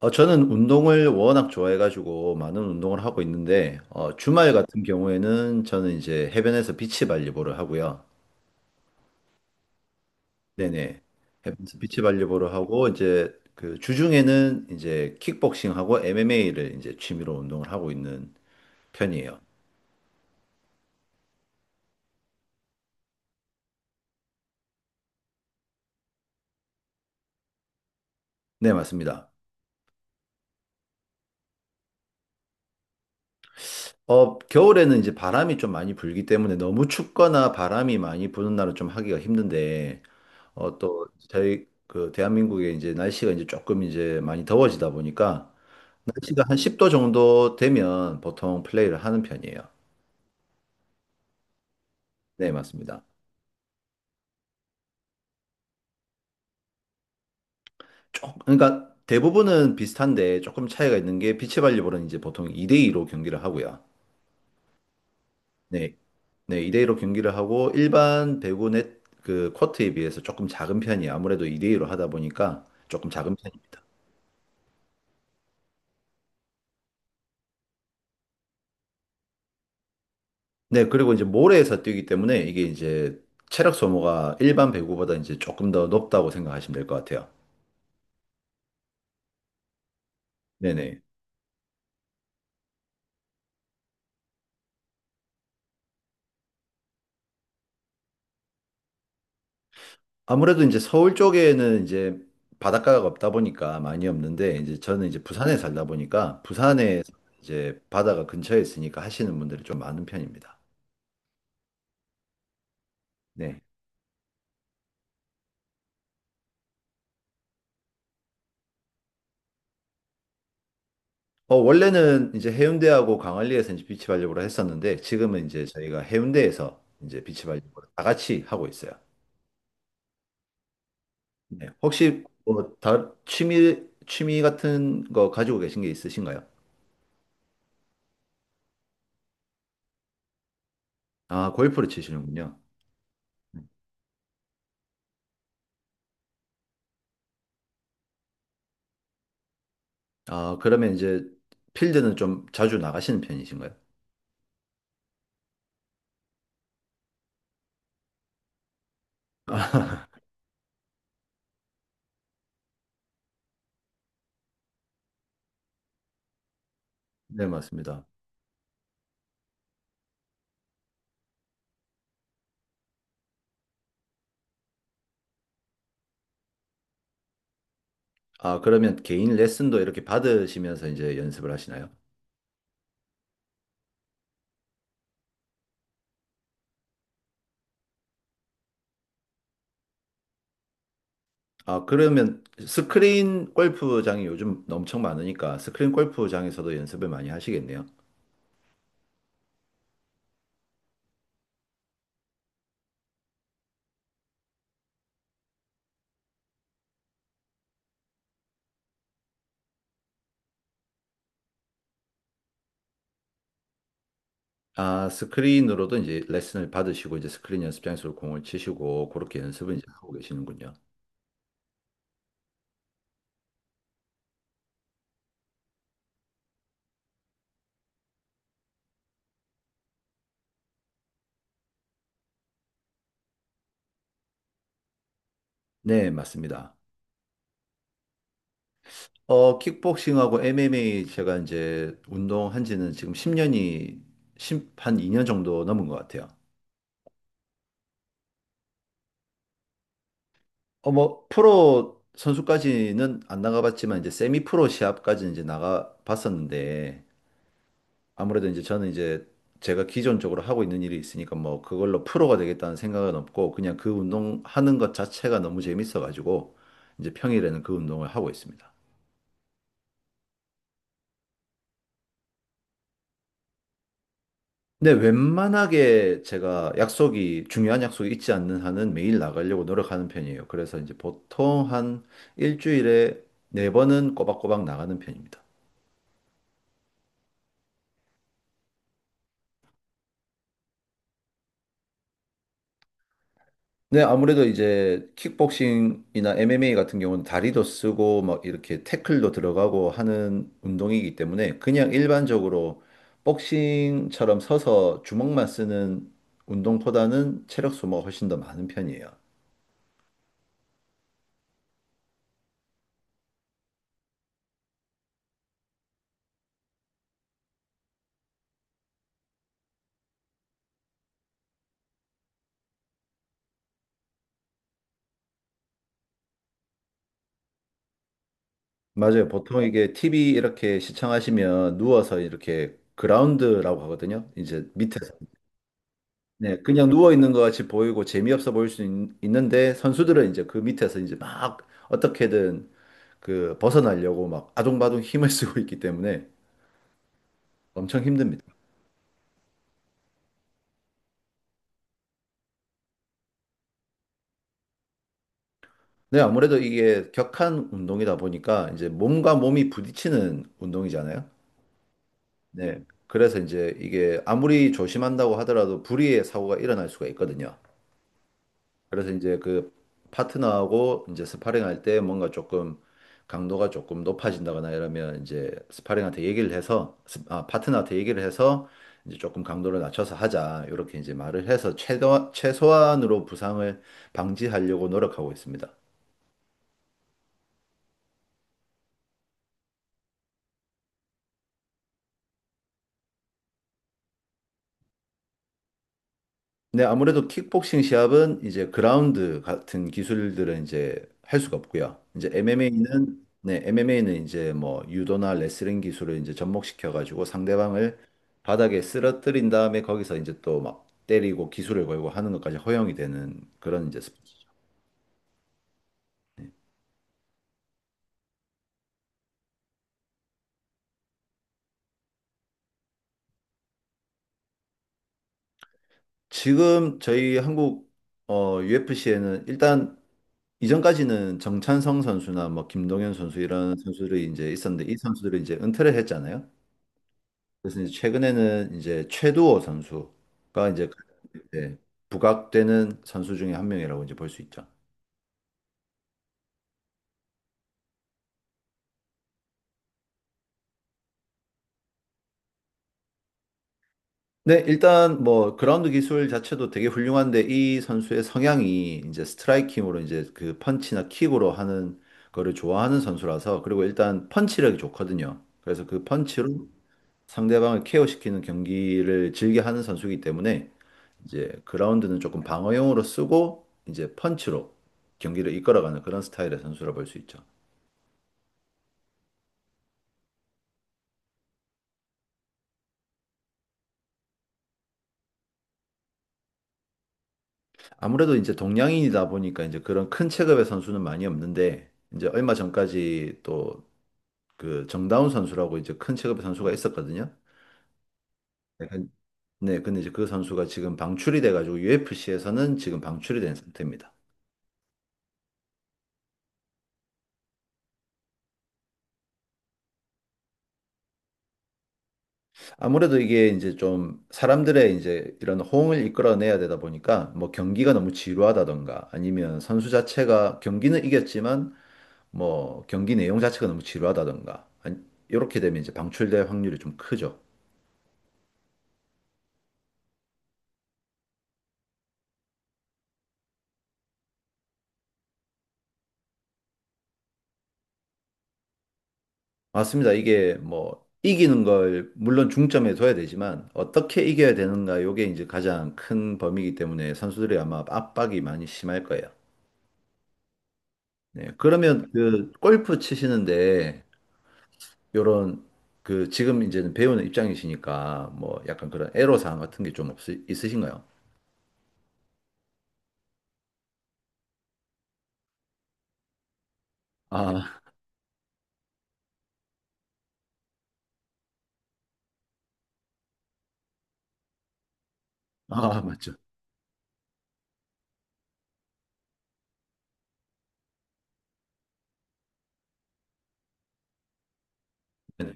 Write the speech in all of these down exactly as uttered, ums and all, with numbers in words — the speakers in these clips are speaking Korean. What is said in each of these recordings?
어, 저는 운동을 워낙 좋아해가지고 많은 운동을 하고 있는데, 어, 주말 같은 경우에는 저는 이제 해변에서 비치발리볼을 하고요. 네네. 해변에서 비치발리볼을 하고, 이제 그 주중에는 이제 킥복싱하고 엠엠에이를 이제 취미로 운동을 하고 있는 편이에요. 네, 맞습니다. 어, 겨울에는 이제 바람이 좀 많이 불기 때문에 너무 춥거나 바람이 많이 부는 날은 좀 하기가 힘든데, 어, 또 저희 그 대한민국의 이제 날씨가 이제 조금 이제 많이 더워지다 보니까 날씨가 한 십 도 정도 되면 보통 플레이를 하는 편이에요. 네, 맞습니다. 조, 그러니까 대부분은 비슷한데 조금 차이가 있는 게 비치발리볼은 이제 보통 이 대이로 경기를 하고요. 네, 네, 이 대이로 경기를 하고 일반 배구 넷, 그 코트에 비해서 조금 작은 편이에요. 아무래도 이 대이로 하다 보니까 조금 작은 편입니다. 네, 그리고 이제 모래에서 뛰기 때문에 이게 이제 체력 소모가 일반 배구보다 이제 조금 더 높다고 생각하시면 될 것 같아요. 네네. 아무래도 이제 서울 쪽에는 이제 바닷가가 없다 보니까 많이 없는데 이제 저는 이제 부산에 살다 보니까 부산에 이제 바다가 근처에 있으니까 하시는 분들이 좀 많은 편입니다. 네. 어, 원래는 이제 해운대하고 강안리에서 이제 비치 발리볼을 했었는데 지금은 이제 저희가 해운대에서 이제 비치 발리볼을 다 같이 하고 있어요. 네. 혹시 뭐 다, 취미 취미 같은 거 가지고 계신 게 있으신가요? 아, 골프를 치시는군요. 아, 그러면 이제 필드는 좀 자주 나가시는 편이신가요? 네, 맞습니다. 아, 그러면 개인 레슨도 이렇게 받으시면서 이제 연습을 하시나요? 아, 그러면 스크린 골프장이 요즘 엄청 많으니까 스크린 골프장에서도 연습을 많이 하시겠네요. 아, 스크린으로도 이제 레슨을 받으시고 이제 스크린 연습장에서 공을 치시고 그렇게 연습을 이제 하고 계시는군요. 네, 맞습니다. 어, 킥복싱하고 엠엠에이 제가 이제 운동한 지는 지금 십 년이, 한 이 년 정도 넘은 것 같아요. 어, 뭐, 프로 선수까지는 안 나가봤지만, 이제 세미 프로 시합까지는 이제 나가봤었는데, 아무래도 이제 저는 이제 제가 기존적으로 하고 있는 일이 있으니까 뭐, 그걸로 프로가 되겠다는 생각은 없고, 그냥 그 운동하는 것 자체가 너무 재밌어가지고, 이제 평일에는 그 운동을 하고 있습니다. 근데 웬만하게 제가 약속이, 중요한 약속이 있지 않는 한은 매일 나가려고 노력하는 편이에요. 그래서 이제 보통 한 일주일에 네 번은 꼬박꼬박 나가는 편입니다. 네, 아무래도 이제 킥복싱이나 엠엠에이 같은 경우는 다리도 쓰고 막 이렇게 태클도 들어가고 하는 운동이기 때문에 그냥 일반적으로 복싱처럼 서서 주먹만 쓰는 운동보다는 체력 소모가 훨씬 더 많은 편이에요. 맞아요. 보통 이게 티비 이렇게 시청하시면 누워서 이렇게 그라운드라고 하거든요. 이제 밑에서. 네, 그냥 누워 있는 것 같이 보이고 재미없어 보일 수 있, 는데 선수들은 이제 그 밑에서 이제 막 어떻게든 그 벗어나려고 막 아둥바둥 힘을 쓰고 있기 때문에 엄청 힘듭니다. 네, 아무래도 이게 격한 운동이다 보니까 이제 몸과 몸이 부딪히는 운동이잖아요. 네. 그래서 이제 이게 아무리 조심한다고 하더라도 불의의 사고가 일어날 수가 있거든요. 그래서 이제 그 파트너하고 이제 스파링할 때 뭔가 조금 강도가 조금 높아진다거나 이러면 이제 스파링한테 얘기를 해서 스- 아, 파트너한테 얘기를 해서 이제 조금 강도를 낮춰서 하자 이렇게 이제 말을 해서 최대 최소한으로 부상을 방지하려고 노력하고 있습니다. 네, 아무래도 킥복싱 시합은 이제 그라운드 같은 기술들은 이제 할 수가 없고요. 이제 엠엠에이는 네, 엠엠에이는 이제 뭐 유도나 레슬링 기술을 이제 접목시켜 가지고 상대방을 바닥에 쓰러뜨린 다음에 거기서 이제 또 막 때리고 기술을 걸고 하는 것까지 허용이 되는 그런 이제 스포츠죠. 지금 저희 한국 유에프씨에는 일단 이전까지는 정찬성 선수나 뭐 김동현 선수 이런 선수들이 이제 있었는데 이 선수들이 이제 은퇴를 했잖아요. 그래서 이제 최근에는 이제 최두호 선수가 이제 네, 부각되는 선수 중에 한 명이라고 이제 볼 수 있죠. 네, 일단 뭐 그라운드 기술 자체도 되게 훌륭한데 이 선수의 성향이 이제 스트라이킹으로 이제 그 펀치나 킥으로 하는 거를 좋아하는 선수라서 그리고 일단 펀치력이 좋거든요. 그래서 그 펀치로 상대방을 케어시키는 경기를 즐겨 하는 선수이기 때문에 이제 그라운드는 조금 방어용으로 쓰고 이제 펀치로 경기를 이끌어가는 그런 스타일의 선수라 볼 수 있죠. 아무래도 이제 동양인이다 보니까 이제 그런 큰 체급의 선수는 많이 없는데 이제 얼마 전까지 또 그 정다운 선수라고 이제 큰 체급의 선수가 있었거든요. 네, 근- 네, 근데 이제 그 선수가 지금 방출이 돼가지고 유에프씨에서는 지금 방출이 된 상태입니다. 아무래도 이게 이제 좀 사람들의 이제 이런 호응을 이끌어내야 되다 보니까 뭐 경기가 너무 지루하다던가 아니면 선수 자체가 경기는 이겼지만 뭐 경기 내용 자체가 너무 지루하다던가 아니, 이렇게 되면 이제 방출될 확률이 좀 크죠. 맞습니다. 이게 뭐 이기는 걸 물론 중점에 둬야 되지만 어떻게 이겨야 되는가 요게 이제 가장 큰 범위이기 때문에 선수들이 아마 압박이 많이 심할 거예요. 네. 그러면 그 골프 치시는데 요런 그 지금 이제는 배우는 입장이시니까 뭐 약간 그런 애로사항 같은 게 좀 없 있으신가요? 아, 아, 맞죠. 네네.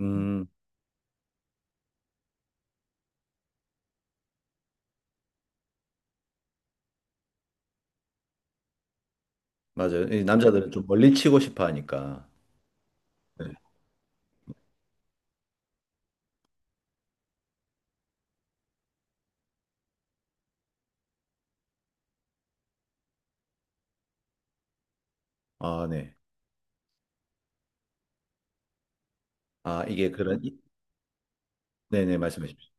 음, 맞아요. 이 남자들은 좀 멀리 치고 싶어 하니까. 아, 네. 아, 이게 그런, 이- 네네, 말씀하십시오.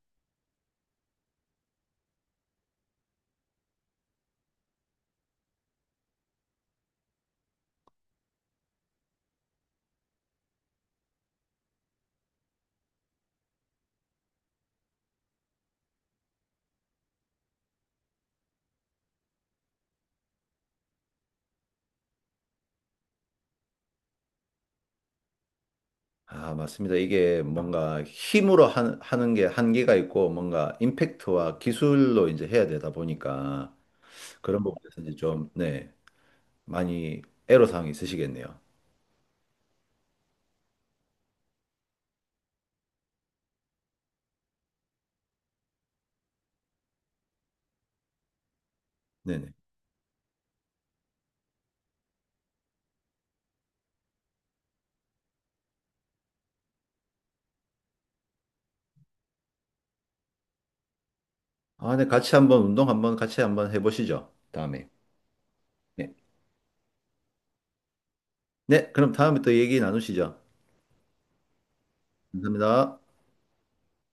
아, 맞습니다. 이게 뭔가 힘으로 하, 하는 게 한계가 있고 뭔가 임팩트와 기술로 이제 해야 되다 보니까 그런 부분에서 이제 좀, 네, 많이 애로사항이 있으시겠네요. 네네. 아, 네, 같이 한번 운동 한번 같이 한번 해보시죠. 다음에. 네. 네, 그럼 다음에 또 얘기 나누시죠. 감사합니다.